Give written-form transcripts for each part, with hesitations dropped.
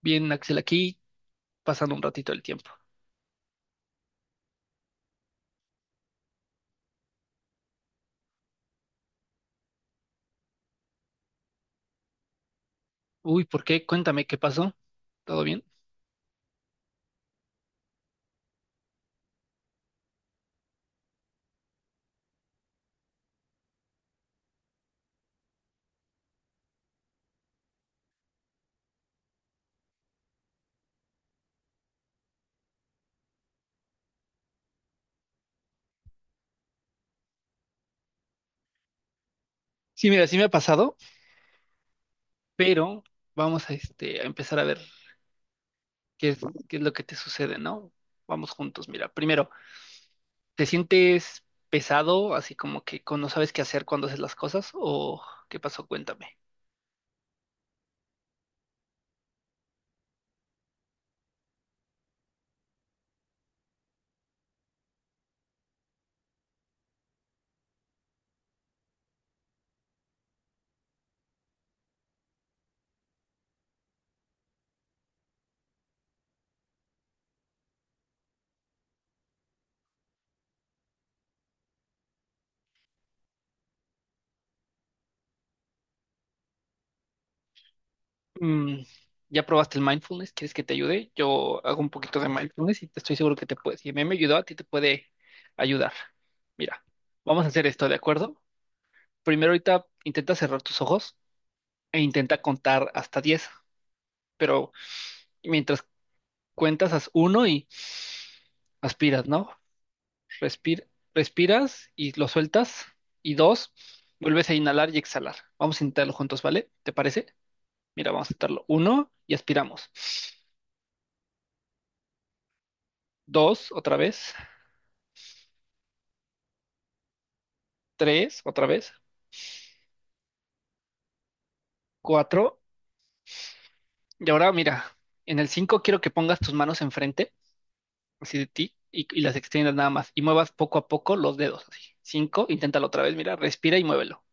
Bien, Axel, aquí pasando un ratito el tiempo. Uy, ¿por qué? Cuéntame, ¿qué pasó? ¿Todo bien? Sí, mira, sí me ha pasado, pero vamos a, a empezar a ver qué es, qué es lo que te sucede, ¿no? Vamos juntos, mira. Primero, ¿te sientes pesado, así como que no sabes qué hacer cuando haces las cosas? ¿O qué pasó? Cuéntame. Mm, ¿Ya probaste el mindfulness? ¿Quieres que te ayude? Yo hago un poquito de mindfulness y te estoy seguro que te puede. Si a mí me ayudó, a ti te puede ayudar. Mira, vamos a hacer esto, ¿de acuerdo? Primero ahorita intenta cerrar tus ojos e intenta contar hasta 10, pero mientras cuentas haz uno y aspiras, ¿no? Respir- Respiras y lo sueltas y dos, vuelves a inhalar y exhalar. Vamos a intentarlo juntos, ¿vale? ¿Te parece? Mira, vamos a intentarlo. Uno y aspiramos. Dos, otra vez. Tres, otra vez. Cuatro. Y ahora mira, en el cinco quiero que pongas tus manos enfrente así de ti y las extiendas nada más y muevas poco a poco los dedos, así. Cinco, inténtalo otra vez, mira, respira y muévelo.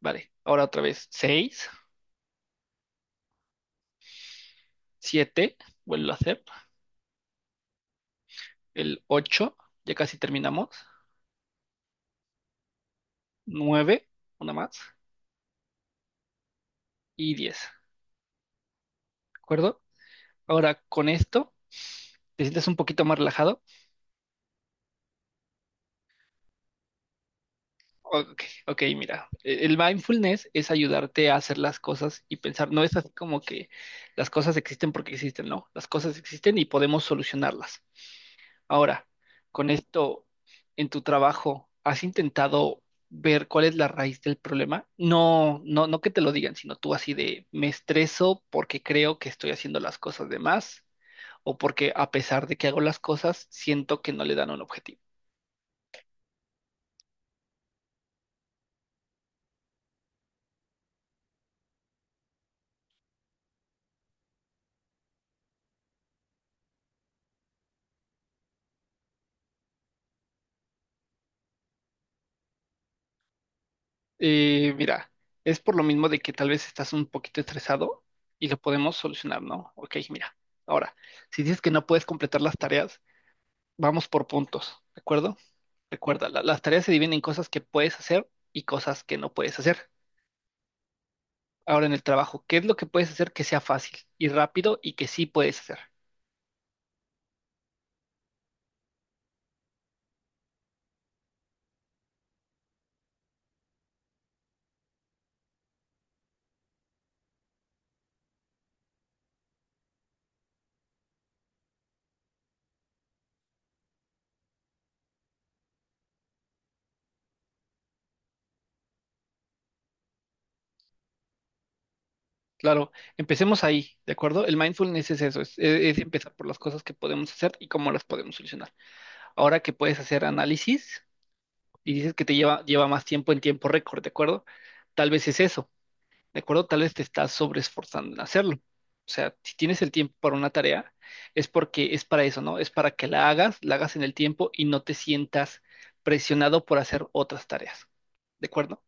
Vale, ahora otra vez, seis, siete, vuelvo a hacer, el ocho, ya casi terminamos, nueve, una más y diez, ¿de acuerdo? Ahora con esto, ¿te sientes un poquito más relajado? Ok, ok, mira, el mindfulness es ayudarte a hacer las cosas y pensar, no es así como que las cosas existen porque existen. No, las cosas existen y podemos solucionarlas. Ahora, con esto en tu trabajo, ¿has intentado ver cuál es la raíz del problema? No, no, no que te lo digan, sino tú así de: me estreso porque creo que estoy haciendo las cosas de más o porque a pesar de que hago las cosas, siento que no le dan un objetivo. Mira, es por lo mismo de que tal vez estás un poquito estresado y lo podemos solucionar, ¿no? Ok, mira, ahora, si dices que no puedes completar las tareas, vamos por puntos, ¿de acuerdo? Recuerda, las tareas se dividen en cosas que puedes hacer y cosas que no puedes hacer. Ahora en el trabajo, ¿qué es lo que puedes hacer que sea fácil y rápido y que sí puedes hacer? Claro, empecemos ahí, ¿de acuerdo? El mindfulness es eso, es empezar por las cosas que podemos hacer y cómo las podemos solucionar. Ahora que puedes hacer análisis y dices que te lleva más tiempo en tiempo récord, ¿de acuerdo? Tal vez es eso. ¿De acuerdo? Tal vez te estás sobreesforzando en hacerlo. O sea, si tienes el tiempo para una tarea, es porque es para eso, ¿no? Es para que la hagas en el tiempo y no te sientas presionado por hacer otras tareas. ¿De acuerdo?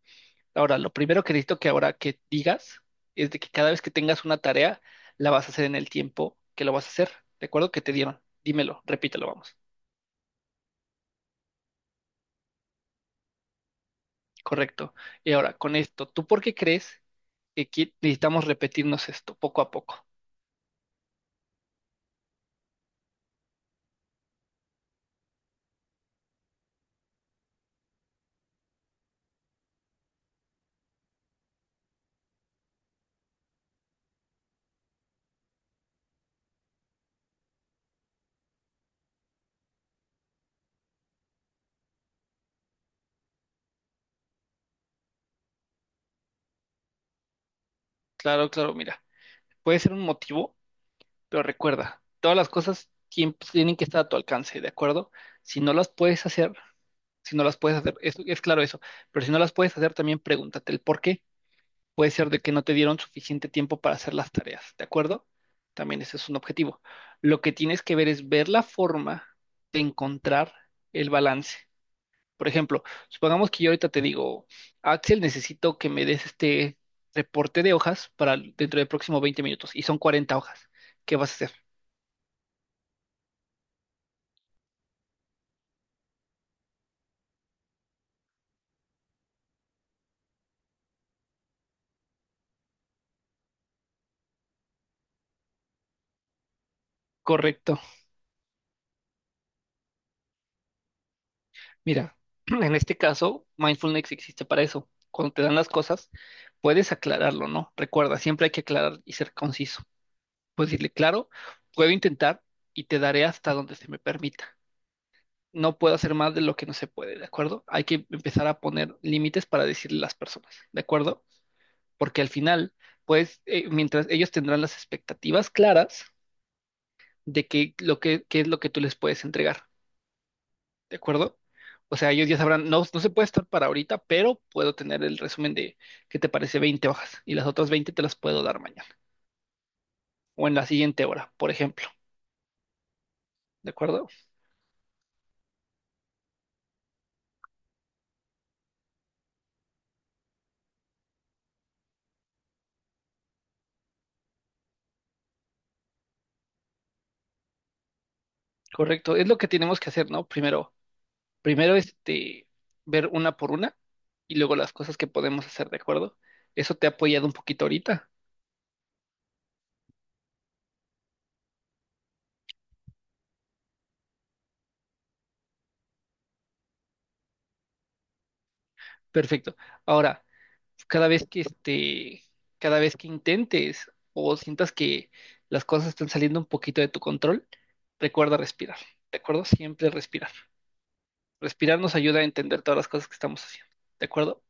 Ahora, lo primero que necesito que ahora que digas es de que cada vez que tengas una tarea, la vas a hacer en el tiempo que lo vas a hacer. ¿De acuerdo? Que te dieron. Dímelo, repítelo, vamos. Correcto. Y ahora, con esto, ¿tú por qué crees que necesitamos repetirnos esto poco a poco? Claro, claro, mira. Puede ser un motivo, pero recuerda, todas las cosas tienen que estar a tu alcance, ¿de acuerdo? Si no las puedes hacer, si no las puedes hacer, es claro eso, pero si no las puedes hacer, también pregúntate el por qué. Puede ser de que no te dieron suficiente tiempo para hacer las tareas, ¿de acuerdo? También ese es un objetivo. Lo que tienes que ver es ver la forma de encontrar el balance. Por ejemplo, supongamos que yo ahorita te digo: Axel, necesito que me des este reporte de hojas para dentro del próximo 20 minutos y son 40 hojas. ¿Qué vas a hacer? Correcto. Mira, en este caso, mindfulness existe para eso. Cuando te dan las cosas, puedes aclararlo, ¿no? Recuerda, siempre hay que aclarar y ser conciso. Puedes decirle: claro, puedo intentar y te daré hasta donde se me permita. No puedo hacer más de lo que no se puede, ¿de acuerdo? Hay que empezar a poner límites para decirle a las personas, ¿de acuerdo? Porque al final, pues, mientras ellos tendrán las expectativas claras de que qué es lo que tú les puedes entregar, ¿de acuerdo? O sea, ellos ya sabrán: no, no se puede estar para ahorita, pero puedo tener el resumen de, ¿qué te parece?, 20 hojas y las otras 20 te las puedo dar mañana o en la siguiente hora, por ejemplo, ¿de acuerdo? Correcto, es lo que tenemos que hacer, ¿no? Primero, ver una por una y luego las cosas que podemos hacer, ¿de acuerdo? Eso te ha apoyado un poquito ahorita. Perfecto. Ahora, cada vez que este, cada vez que intentes o sientas que las cosas están saliendo un poquito de tu control, recuerda respirar. ¿De acuerdo? Siempre respirar. Respirar nos ayuda a entender todas las cosas que estamos haciendo. ¿De acuerdo?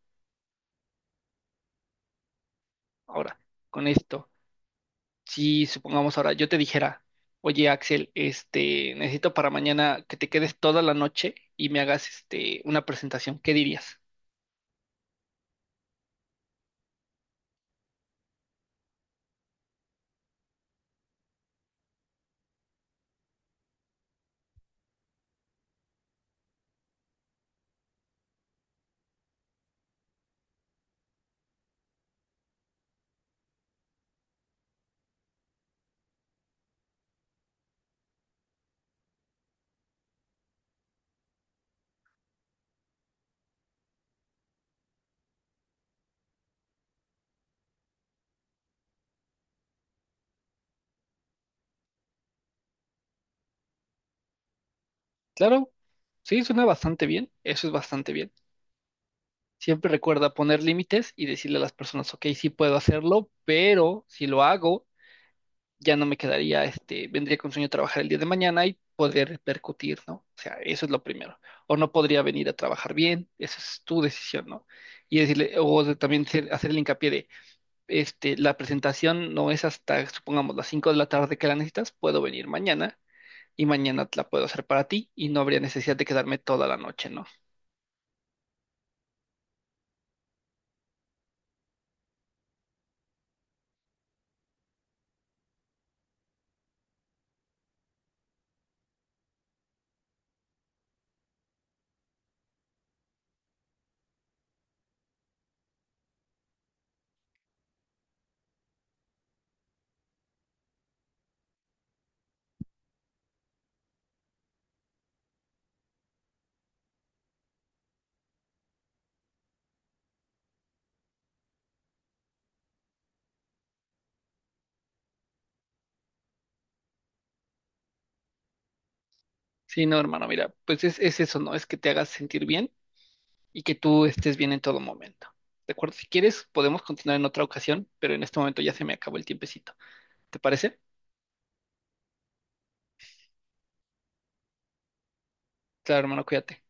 Ahora, con esto, si supongamos ahora yo te dijera: oye Axel, necesito para mañana que te quedes toda la noche y me hagas una presentación, ¿qué dirías? Claro, sí, suena bastante bien, eso es bastante bien. Siempre recuerda poner límites y decirle a las personas: ok, sí puedo hacerlo, pero si lo hago, ya no me quedaría, vendría con sueño a trabajar el día de mañana y podría repercutir, ¿no? O sea, eso es lo primero. O no podría venir a trabajar bien, esa es tu decisión, ¿no? Y decirle, o de- también ser- hacer el hincapié de, la presentación no es hasta, supongamos, las 5 de la tarde que la necesitas, puedo venir mañana y mañana la puedo hacer para ti y no habría necesidad de quedarme toda la noche, ¿no? Sí, no, hermano, mira, pues es eso, ¿no? Es que te hagas sentir bien y que tú estés bien en todo momento. ¿De acuerdo? Si quieres, podemos continuar en otra ocasión, pero en este momento ya se me acabó el tiempecito. ¿Te parece? Claro, hermano, cuídate.